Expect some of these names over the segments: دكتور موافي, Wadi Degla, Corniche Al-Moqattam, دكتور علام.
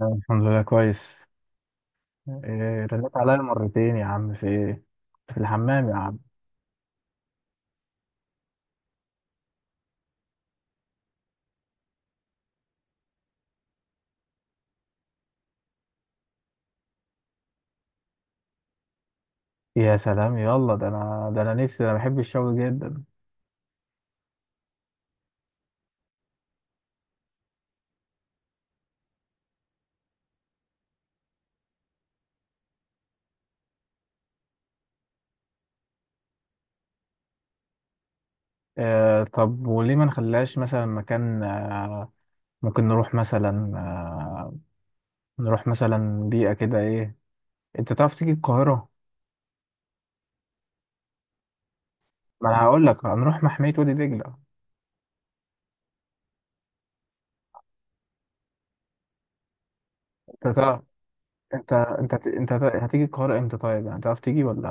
أنا الحمد لله كويس. إيه، رنيت عليا مرتين يا عم، في ايه؟ في الحمام يا عم. يا سلام، يلا، ده انا نفسي، انا بحب الشوي جدا. إيه، طب وليه ما نخليهاش مثلا مكان، ممكن نروح مثلا، نروح مثلا بيئة كده، ايه، انت تعرف تيجي القاهرة؟ ما انا هقول لك، هنروح محمية وادي دجلة. انت تعرف، انت هتيجي القاهرة امتى؟ طيب يعني تعرف تيجي ولا؟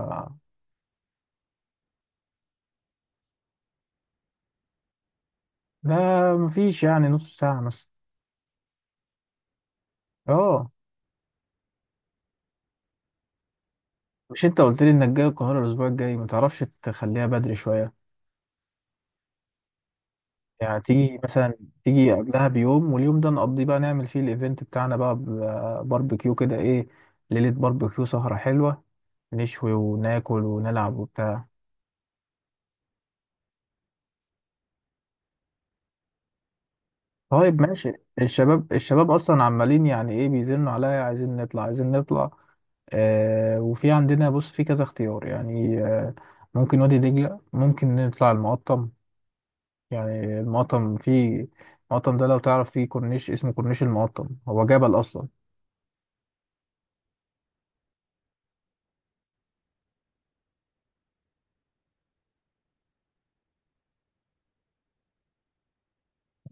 لا، مفيش، يعني نص ساعة مثلا. اه، مش انت قلت لي انك جاي القاهرة الاسبوع الجاي؟ ما تعرفش تخليها بدري شوية؟ يعني تيجي مثلا، تيجي قبلها بيوم، واليوم ده نقضيه بقى، نعمل فيه الايفنت بتاعنا بقى، باربيكيو كده، ايه، ليلة باربيكيو، سهرة حلوة، نشوي وناكل ونلعب وبتاع. طيب ماشي. الشباب اصلا عمالين يعني ايه، بيزنوا عليا، عايزين نطلع، عايزين نطلع. آه، وفي عندنا، بص، في كذا اختيار يعني. آه، ممكن وادي دجلة، ممكن نطلع المقطم. يعني المقطم فيه، المقطم ده لو تعرف فيه كورنيش، اسمه كورنيش المقطم، هو جبل اصلا.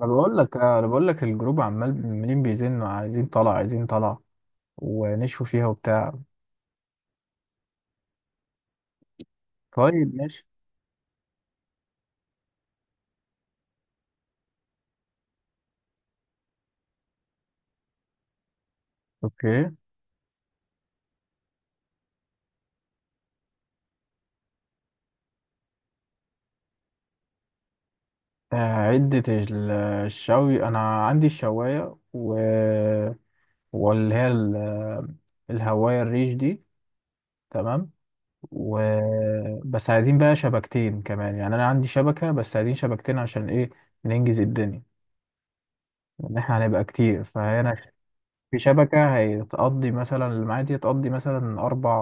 انا بقول لك، الجروب عمال، عمالين بيزنوا، عايزين طلع، عايزين طلع، ونشوا فيها وبتاع. طيب ماشي. اوكي. آه، عدة الشوي انا عندي الشواية، و واللي هي الهواية الريش دي، تمام. و بس عايزين بقى شبكتين كمان. يعني انا عندي شبكة، بس عايزين شبكتين عشان ايه؟ ننجز الدنيا، ان احنا هنبقى كتير فهنا. في شبكة هتقضي مثلا، المعاد دي هتقضي مثلا اربع،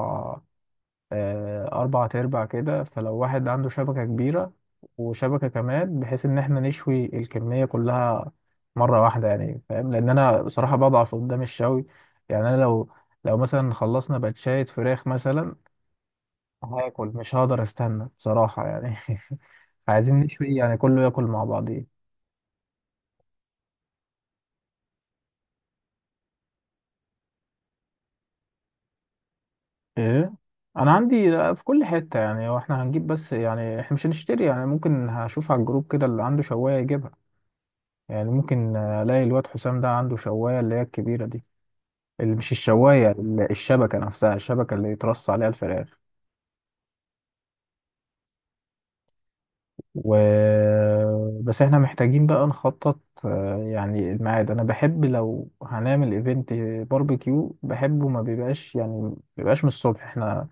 آه، اربع تربع كده. فلو واحد عنده شبكة كبيرة، وشبكة كمان، بحيث ان احنا نشوي الكمية كلها مرة واحدة. يعني فاهم، لان انا بصراحة بضعف قدام الشوي. يعني انا لو، لو مثلا خلصنا باتشاية فراخ مثلا، هاكل، مش هقدر استنى بصراحة يعني. عايزين نشوي يعني، كله ياكل مع بعضيه. ايه، انا عندي في كل حتة. يعني هو احنا هنجيب، بس يعني احنا مش هنشتري، يعني ممكن هشوف على الجروب كده اللي عنده شواية يجيبها. يعني ممكن الاقي الواد حسام ده عنده شواية، اللي هي الكبيرة دي، اللي مش الشواية الشبكة نفسها، الشبكة اللي يترص عليها الفراخ. و بس احنا محتاجين بقى نخطط. آه، يعني الميعاد، انا بحب لو هنعمل ايفنت باربيكيو بحبه ما بيبقاش، يعني ما بيبقاش من الصبح. احنا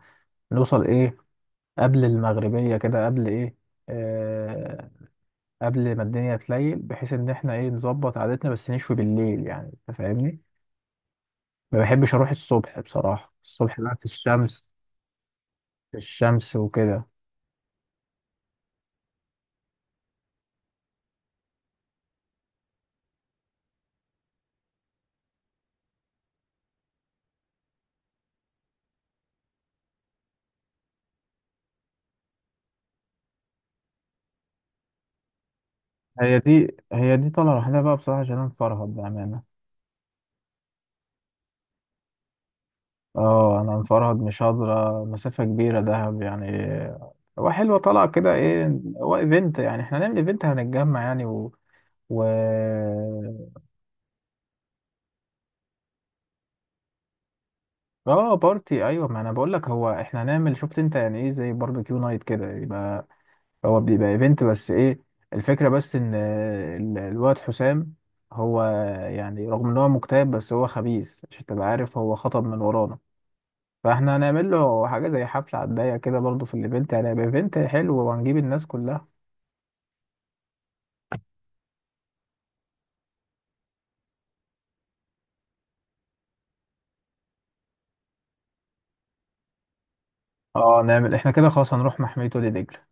نوصل ايه، قبل المغربية كده، قبل ايه، آه، قبل ما الدنيا تليل، بحيث ان احنا ايه، نظبط عادتنا بس نشوي بالليل، يعني انت فاهمني. ما بحبش اروح الصبح بصراحة، الصبح بقى في الشمس، في الشمس وكده. هي دي طالعة لوحدها بقى بصراحة، عشان انا مفرهد بأمانة. اه، انا مفرهد، مش قادرة مسافة كبيرة دهب يعني. هو حلوة طالعة كده، ايه، هو ايفنت يعني، احنا هنعمل ايفنت، هنتجمع يعني. و و اه بارتي، ايوه، ما انا بقول لك هو احنا هنعمل، شفت انت يعني ايه، زي باربيكيو نايت كده، يبقى هو بيبقى ايفنت، بس ايه، الفكرة بس ان آه، الواد حسام هو، يعني رغم ان هو مكتئب، بس هو خبيث، عشان تبقى عارف هو خطب من ورانا، فاحنا هنعمل له حاجة زي حفلة على الضيق كده برضه في الايفنت. يعني هيبقى ايفنت حلو وهنجيب الناس كلها. اه نعمل احنا كده خلاص، هنروح محمية وادي دجلة.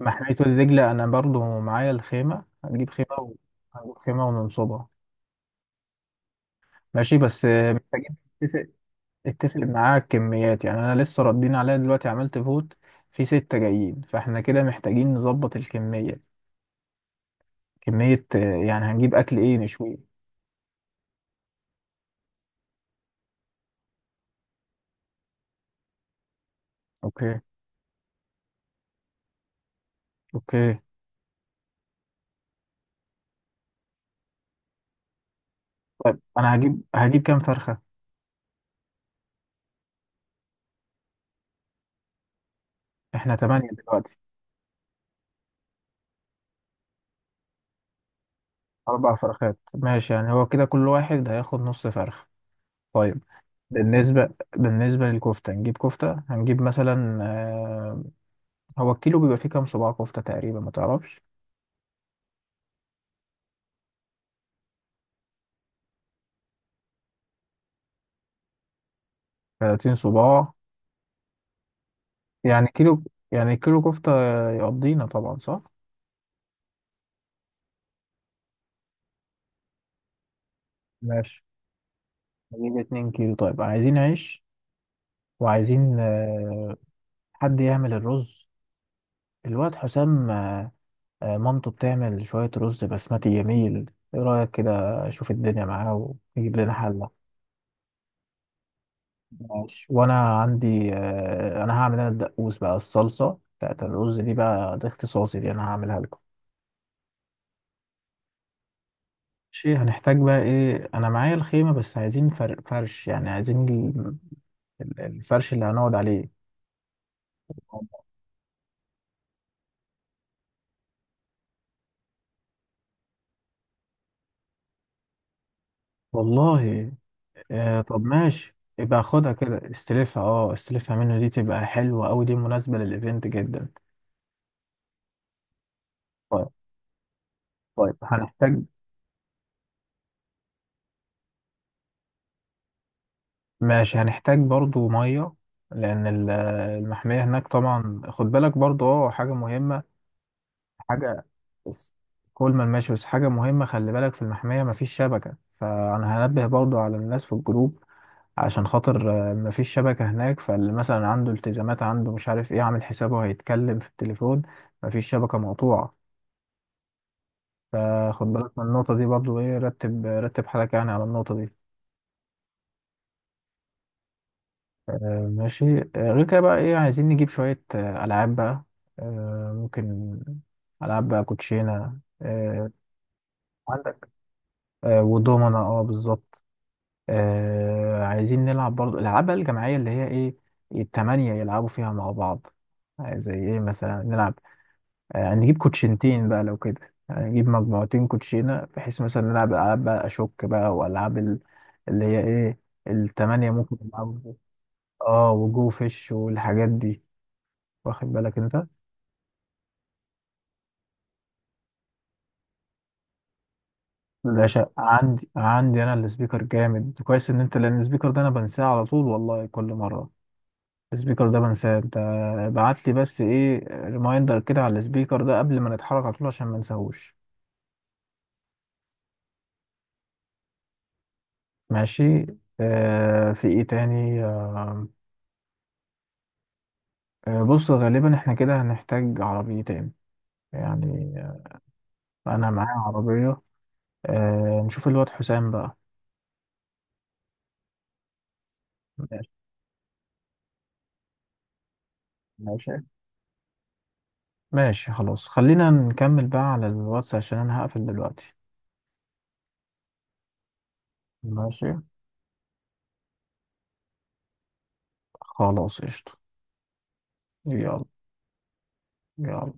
محمية وادي دجلة انا برضه معايا الخيمة، هنجيب خيمة، و... هنجيب خيمة وننصبها. ماشي، بس آه، محتاجين اتفق معاك كميات. يعني انا لسه ردين عليا دلوقتي، عملت فوت، في ستة جايين، فاحنا كده محتاجين نظبط الكمية، كمية آه، يعني هنجيب اكل ايه نشويه. اوكي، اوكي. طيب انا هجيب كام فرخة؟ احنا تمانية دلوقتي. اربع فرخات ماشي، يعني هو كده كل واحد هياخد نص فرخة. طيب، بالنسبة بالنسبة للكفتة هنجيب كفتة، هنجيب مثلا آه، هو الكيلو بيبقى فيه كام صباع كفتة تقريبا، ما تعرفش؟ 30 صباع، يعني كيلو، يعني كيلو كفتة يقضينا طبعا، صح؟ ماشي، نجيب اتنين كيلو. طيب عايزين عيش، وعايزين آه، حد يعمل الرز. الواد حسام، آه، آه، مامته بتعمل شوية رز بسمتي جميل، ايه رأيك كده؟ اشوف الدنيا معاه ويجيب لنا حلة. ماشي. وانا عندي آه، انا هعمل انا الدقوس بقى، الصلصة بتاعت الرز دي بقى ده اختصاصي، دي انا هعملها لكم. ماشي. هنحتاج بقى ايه؟ انا معايا الخيمة، بس عايزين فرش، يعني عايزين الفرش اللي هنقعد عليه. والله آه، طب ماشي، يبقى خدها كده، استلفها، اه استلفها منه، دي تبقى حلوة أوي، دي مناسبة للإيفنت جدا. طيب، طيب هنحتاج، ماشي هنحتاج برضو مية، لأن المحمية هناك طبعا. خد بالك برضو، اه حاجة مهمة، حاجة بس، كل ما ماشي، بس حاجة مهمة، خلي بالك في المحمية مفيش شبكة، فأنا هنبه برضو على الناس في الجروب، عشان خاطر آه، مفيش شبكة هناك، فاللي مثلا عنده التزامات، عنده مش عارف ايه، عامل حسابه هيتكلم في التليفون، مفيش شبكة، مقطوعة. فخد بالك من النقطة دي برضو، ايه، رتب، رتب حالك يعني على النقطة دي. آه ماشي. آه، غير كده بقى ايه، عايزين نجيب شوية آه، ألعاب بقى. آه، ممكن ألعاب بقى، كوتشينة، آه، عندك، آه، ودومنا، اه بالظبط. آه، عايزين نلعب برضو الألعاب بقى الجماعية، اللي هي ايه، التمانية يلعبوا فيها مع بعض. آه، زي ايه مثلا، نلعب آه، نجيب كوتشنتين بقى لو كده، يعني نجيب مجموعتين كوتشينة، بحيث مثلا نلعب ألعاب بقى أشوك بقى وألعاب اللي هي إيه، التمانية ممكن نلعب. اه وجو فيش والحاجات دي، واخد بالك انت. باشا عندي، عندي انا السبيكر جامد كويس، ان انت لان السبيكر ده انا بنساه على طول والله، كل مرة السبيكر ده بنساه انت، ابعت لي بس ايه ريمايندر كده على السبيكر ده قبل ما نتحرك على طول عشان ما نساهوش. ماشي. آه في ايه تاني؟ آه، آه، بص غالبا احنا كده هنحتاج عربيتين. يعني آه، انا معايا عربية، آه، نشوف الواد حسام بقى. ماشي، ماشي، ماشي خلاص، خلينا نكمل بقى على الواتس عشان انا هقفل دلوقتي. ماشي، خلاص قشطة، يلا، يلا.